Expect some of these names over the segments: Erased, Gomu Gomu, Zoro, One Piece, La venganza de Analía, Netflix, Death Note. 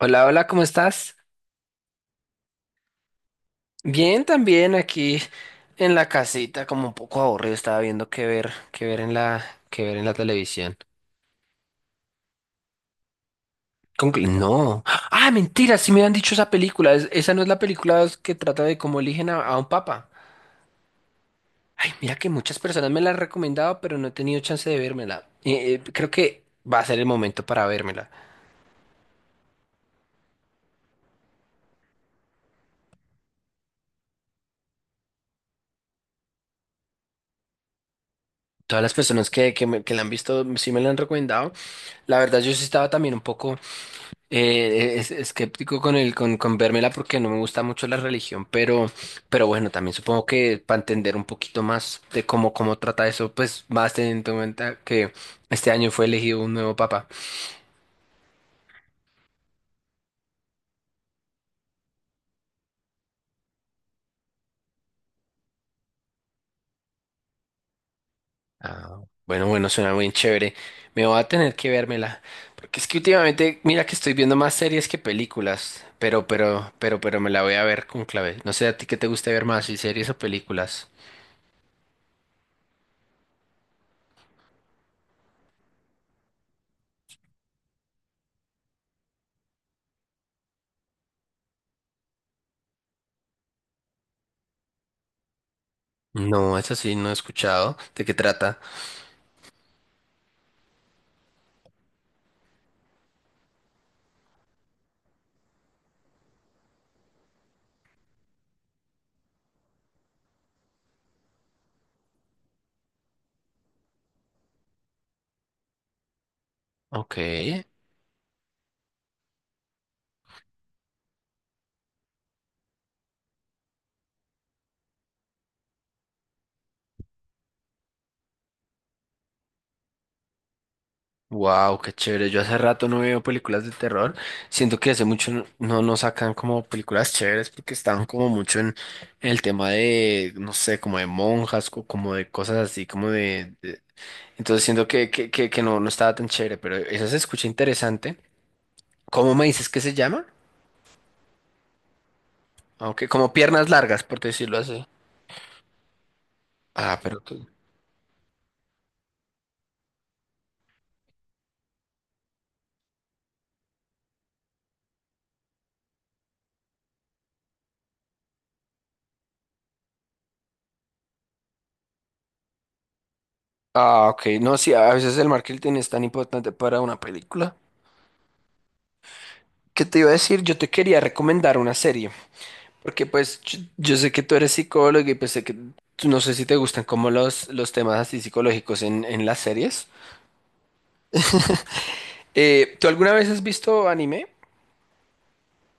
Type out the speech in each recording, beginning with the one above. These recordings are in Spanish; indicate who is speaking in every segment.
Speaker 1: Hola, hola, ¿cómo estás? Bien, también aquí en la casita, como un poco aburrido, estaba viendo qué ver en la televisión. No. Ah, mentira, sí me han dicho esa película. Esa no es la película que trata de cómo eligen a un papa. Ay, mira que muchas personas me la han recomendado, pero no he tenido chance de vérmela. Creo que va a ser el momento para vérmela. Todas las personas que la han visto sí me la han recomendado. La verdad, yo sí estaba también un poco. Es Escéptico con el con vérmela porque no me gusta mucho la religión, pero bueno, también supongo que para entender un poquito más de cómo, cómo trata eso, pues más teniendo en cuenta que este año fue elegido un nuevo papa. Ah, bueno, bueno, suena muy chévere. Me voy a tener que vérmela. Porque es que últimamente, mira que estoy viendo más series que películas, pero me la voy a ver con clave. No sé a ti qué te gusta ver más, si series o películas. No, eso sí, no he escuchado. ¿De qué trata? Ok. Wow, qué chévere. Yo hace rato no veo películas de terror. Siento que hace mucho no nos sacan como películas chéveres porque estaban como mucho en el tema de, no sé, como de monjas, como de cosas así. Entonces siento que no estaba tan chévere, pero esa se escucha interesante. ¿Cómo me dices que se llama? Aunque como piernas largas, por decirlo así. Ah, pero tú. Ah, ok. No, sí, a veces el marketing es tan importante para una película. ¿Qué te iba a decir? Yo te quería recomendar una serie. Porque pues yo sé que tú eres psicólogo y pues sé que no sé si te gustan como los temas así psicológicos en las series. ¿Tú alguna vez has visto anime?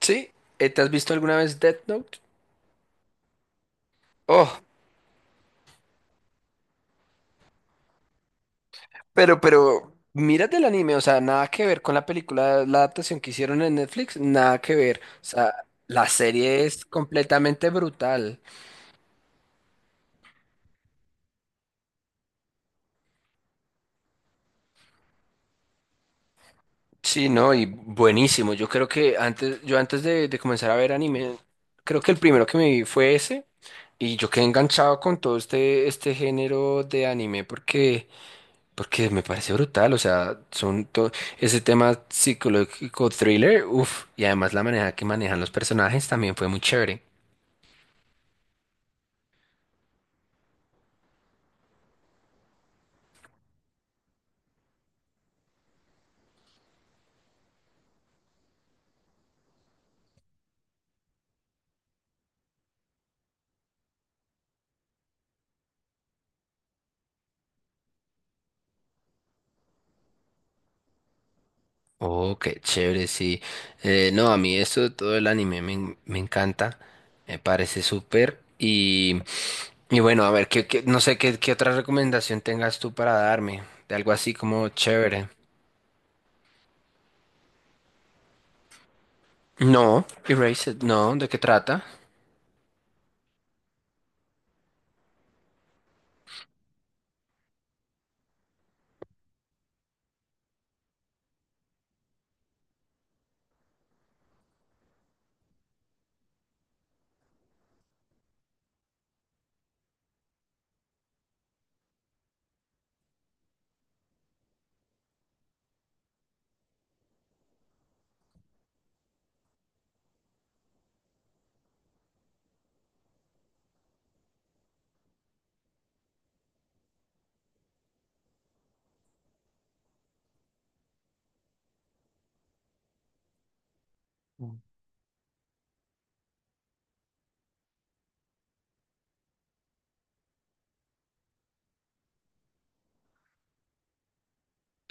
Speaker 1: Sí. ¿Te has visto alguna vez Death Note? Oh, mírate el anime, o sea, nada que ver con la película, la adaptación que hicieron en Netflix, nada que ver. O sea, la serie es completamente brutal. Sí, no, y buenísimo. Yo creo que antes, yo antes de comenzar a ver anime, creo que el primero que me vi fue ese, y yo quedé enganchado con todo este género de anime porque me parece brutal. O sea, son todo ese tema psicológico thriller, uff, y además la manera que manejan los personajes también fue muy chévere. Oh, qué chévere, sí. No, a mí esto de todo el anime me encanta, me parece súper. Y bueno, a ver, no sé qué otra recomendación tengas tú para darme, de algo así como chévere. No, Erased, no, ¿de qué trata?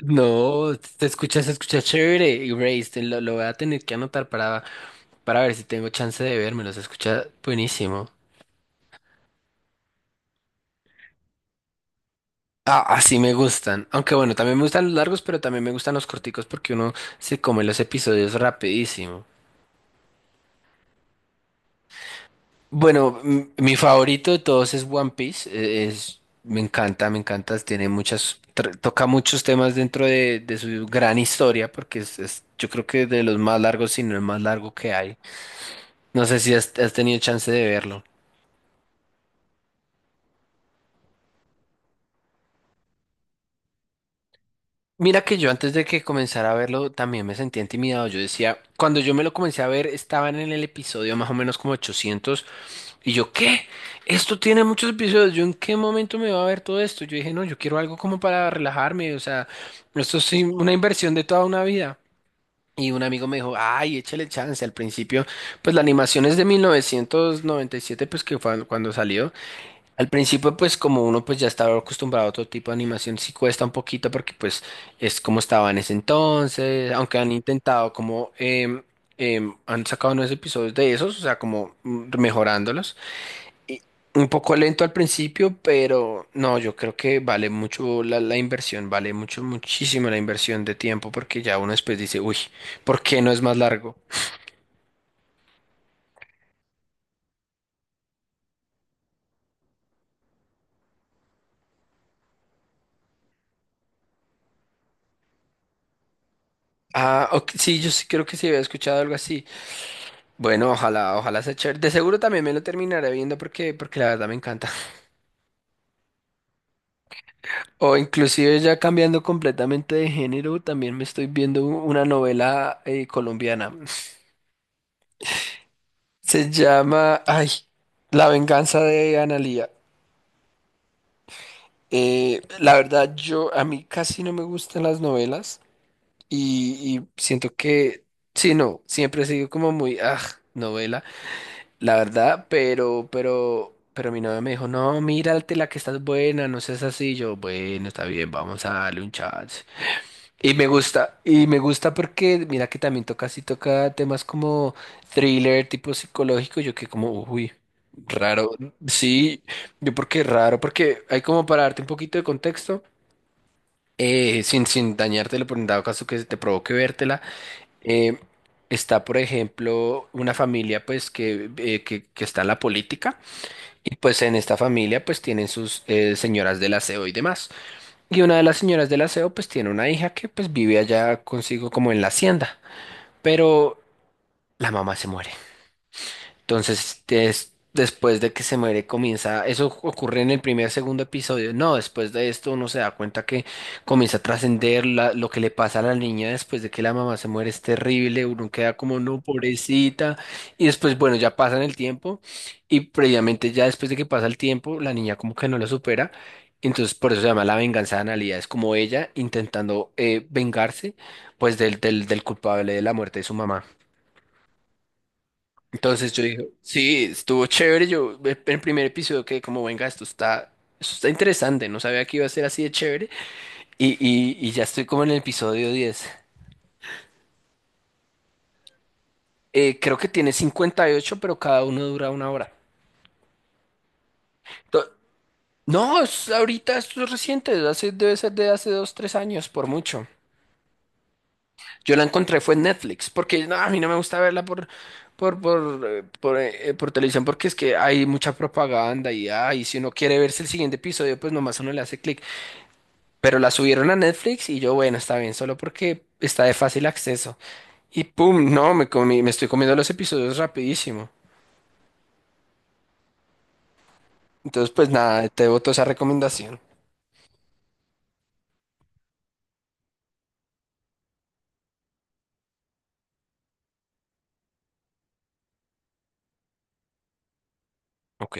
Speaker 1: No, se escucha chévere, Erased, lo voy a tener que anotar para ver si tengo chance de verme, se escucha buenísimo. Ah, así me gustan. Aunque bueno, también me gustan los largos, pero también me gustan los corticos porque uno se come los episodios rapidísimo. Bueno, mi favorito de todos es One Piece. Me encanta, me encanta. Tiene toca muchos temas dentro de su gran historia porque yo creo que de los más largos, si no el más largo que hay. No sé si has tenido chance de verlo. Mira que yo antes de que comenzara a verlo también me sentía intimidado. Yo decía, cuando yo me lo comencé a ver, estaban en el episodio más o menos como 800. Y yo, ¿qué? Esto tiene muchos episodios. ¿Yo en qué momento me va a ver todo esto? Yo dije, no, yo quiero algo como para relajarme. O sea, esto es sí una inversión de toda una vida. Y un amigo me dijo, ay, échale chance. Al principio, pues la animación es de 1997 pues que fue cuando salió. Al principio, pues como uno pues ya estaba acostumbrado a otro tipo de animación, sí cuesta un poquito porque pues es como estaba en ese entonces, aunque han intentado como. Han sacado nuevos episodios de esos, o sea, como mejorándolos y un poco lento al principio, pero no, yo creo que vale mucho la inversión, vale mucho, muchísimo la inversión de tiempo, porque ya uno después dice, uy, ¿por qué no es más largo? Ah, ok, sí, yo sí creo que sí había escuchado algo así. Bueno, ojalá, ojalá sea chévere. De seguro también me lo terminaré viendo porque la verdad me encanta. O inclusive ya cambiando completamente de género, también me estoy viendo una novela colombiana. Se llama, ay, La venganza de Analía. La verdad, yo a mí casi no me gustan las novelas y siento que, sí, no, siempre he sido como muy, novela, la verdad, pero mi novia me dijo, no, mírate la que estás buena, no seas así, yo, bueno, está bien, vamos a darle un chance. Y me gusta porque, mira que también toca, sí toca temas como thriller, tipo psicológico, yo que como, uy. Raro, sí, yo porque raro, porque hay como para darte un poquito de contexto sin dañártelo, por en dado caso que te provoque vértela, eh, está, por ejemplo, una familia pues que está en la política y pues en esta familia pues tienen sus señoras del aseo y demás. Y una de las señoras del aseo pues tiene una hija que pues vive allá consigo como en la hacienda, pero la mamá se muere. Entonces, después de que se muere, comienza, eso ocurre en el primer, segundo episodio. No, después de esto uno se da cuenta que comienza a trascender lo que le pasa a la niña después de que la mamá se muere es terrible, uno queda como, no, pobrecita. Y después, bueno, ya pasan el tiempo y previamente ya después de que pasa el tiempo, la niña como que no lo supera. Entonces, por eso se llama la venganza de Analía. Es como ella intentando vengarse, pues, del culpable de la muerte de su mamá. Entonces yo dije, sí, estuvo chévere. Yo en el primer episodio quedé como, venga, esto está interesante. No sabía que iba a ser así de chévere. Y ya estoy como en el episodio 10. Creo que tiene 58, pero cada uno dura una hora. To- No, ahorita esto es reciente. Debe ser de hace 2, 3 años, por mucho. Yo la encontré fue en Netflix, porque no, a mí no me gusta verla por televisión, porque es que hay mucha propaganda y si uno quiere verse el siguiente episodio, pues nomás uno le hace clic. Pero la subieron a Netflix y yo, bueno, está bien, solo porque está de fácil acceso. Y pum, no, me estoy comiendo los episodios rapidísimo. Entonces, pues nada, te boto esa recomendación. Ok.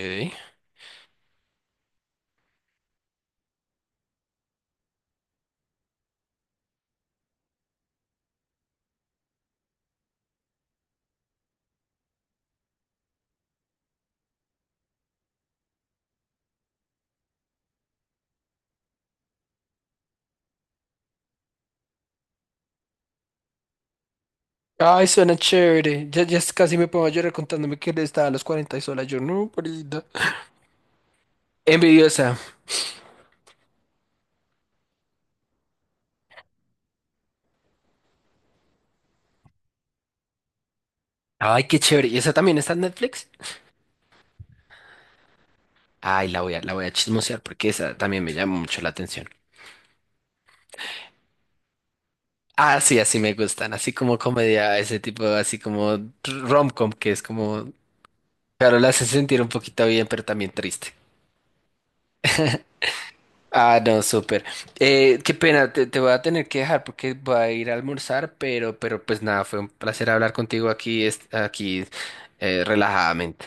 Speaker 1: Ay, suena chévere. Ya casi me pongo a llorar contándome que él estaba a los 40 y sola. Yo, no, pobrecita. Envidiosa. Ay, qué chévere. ¿Y esa también está en Netflix? Ay, la voy a chismosear porque esa también me llama mucho la atención. Ah, sí, así me gustan. Así como comedia, ese tipo, así como rom-com, que es como. Claro, la hace sentir un poquito bien, pero también triste. Ah, no, súper. Qué pena, te voy a tener que dejar porque voy a ir a almorzar, pero pues nada, fue un placer hablar contigo aquí, relajadamente.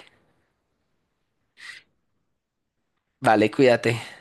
Speaker 1: Vale, cuídate.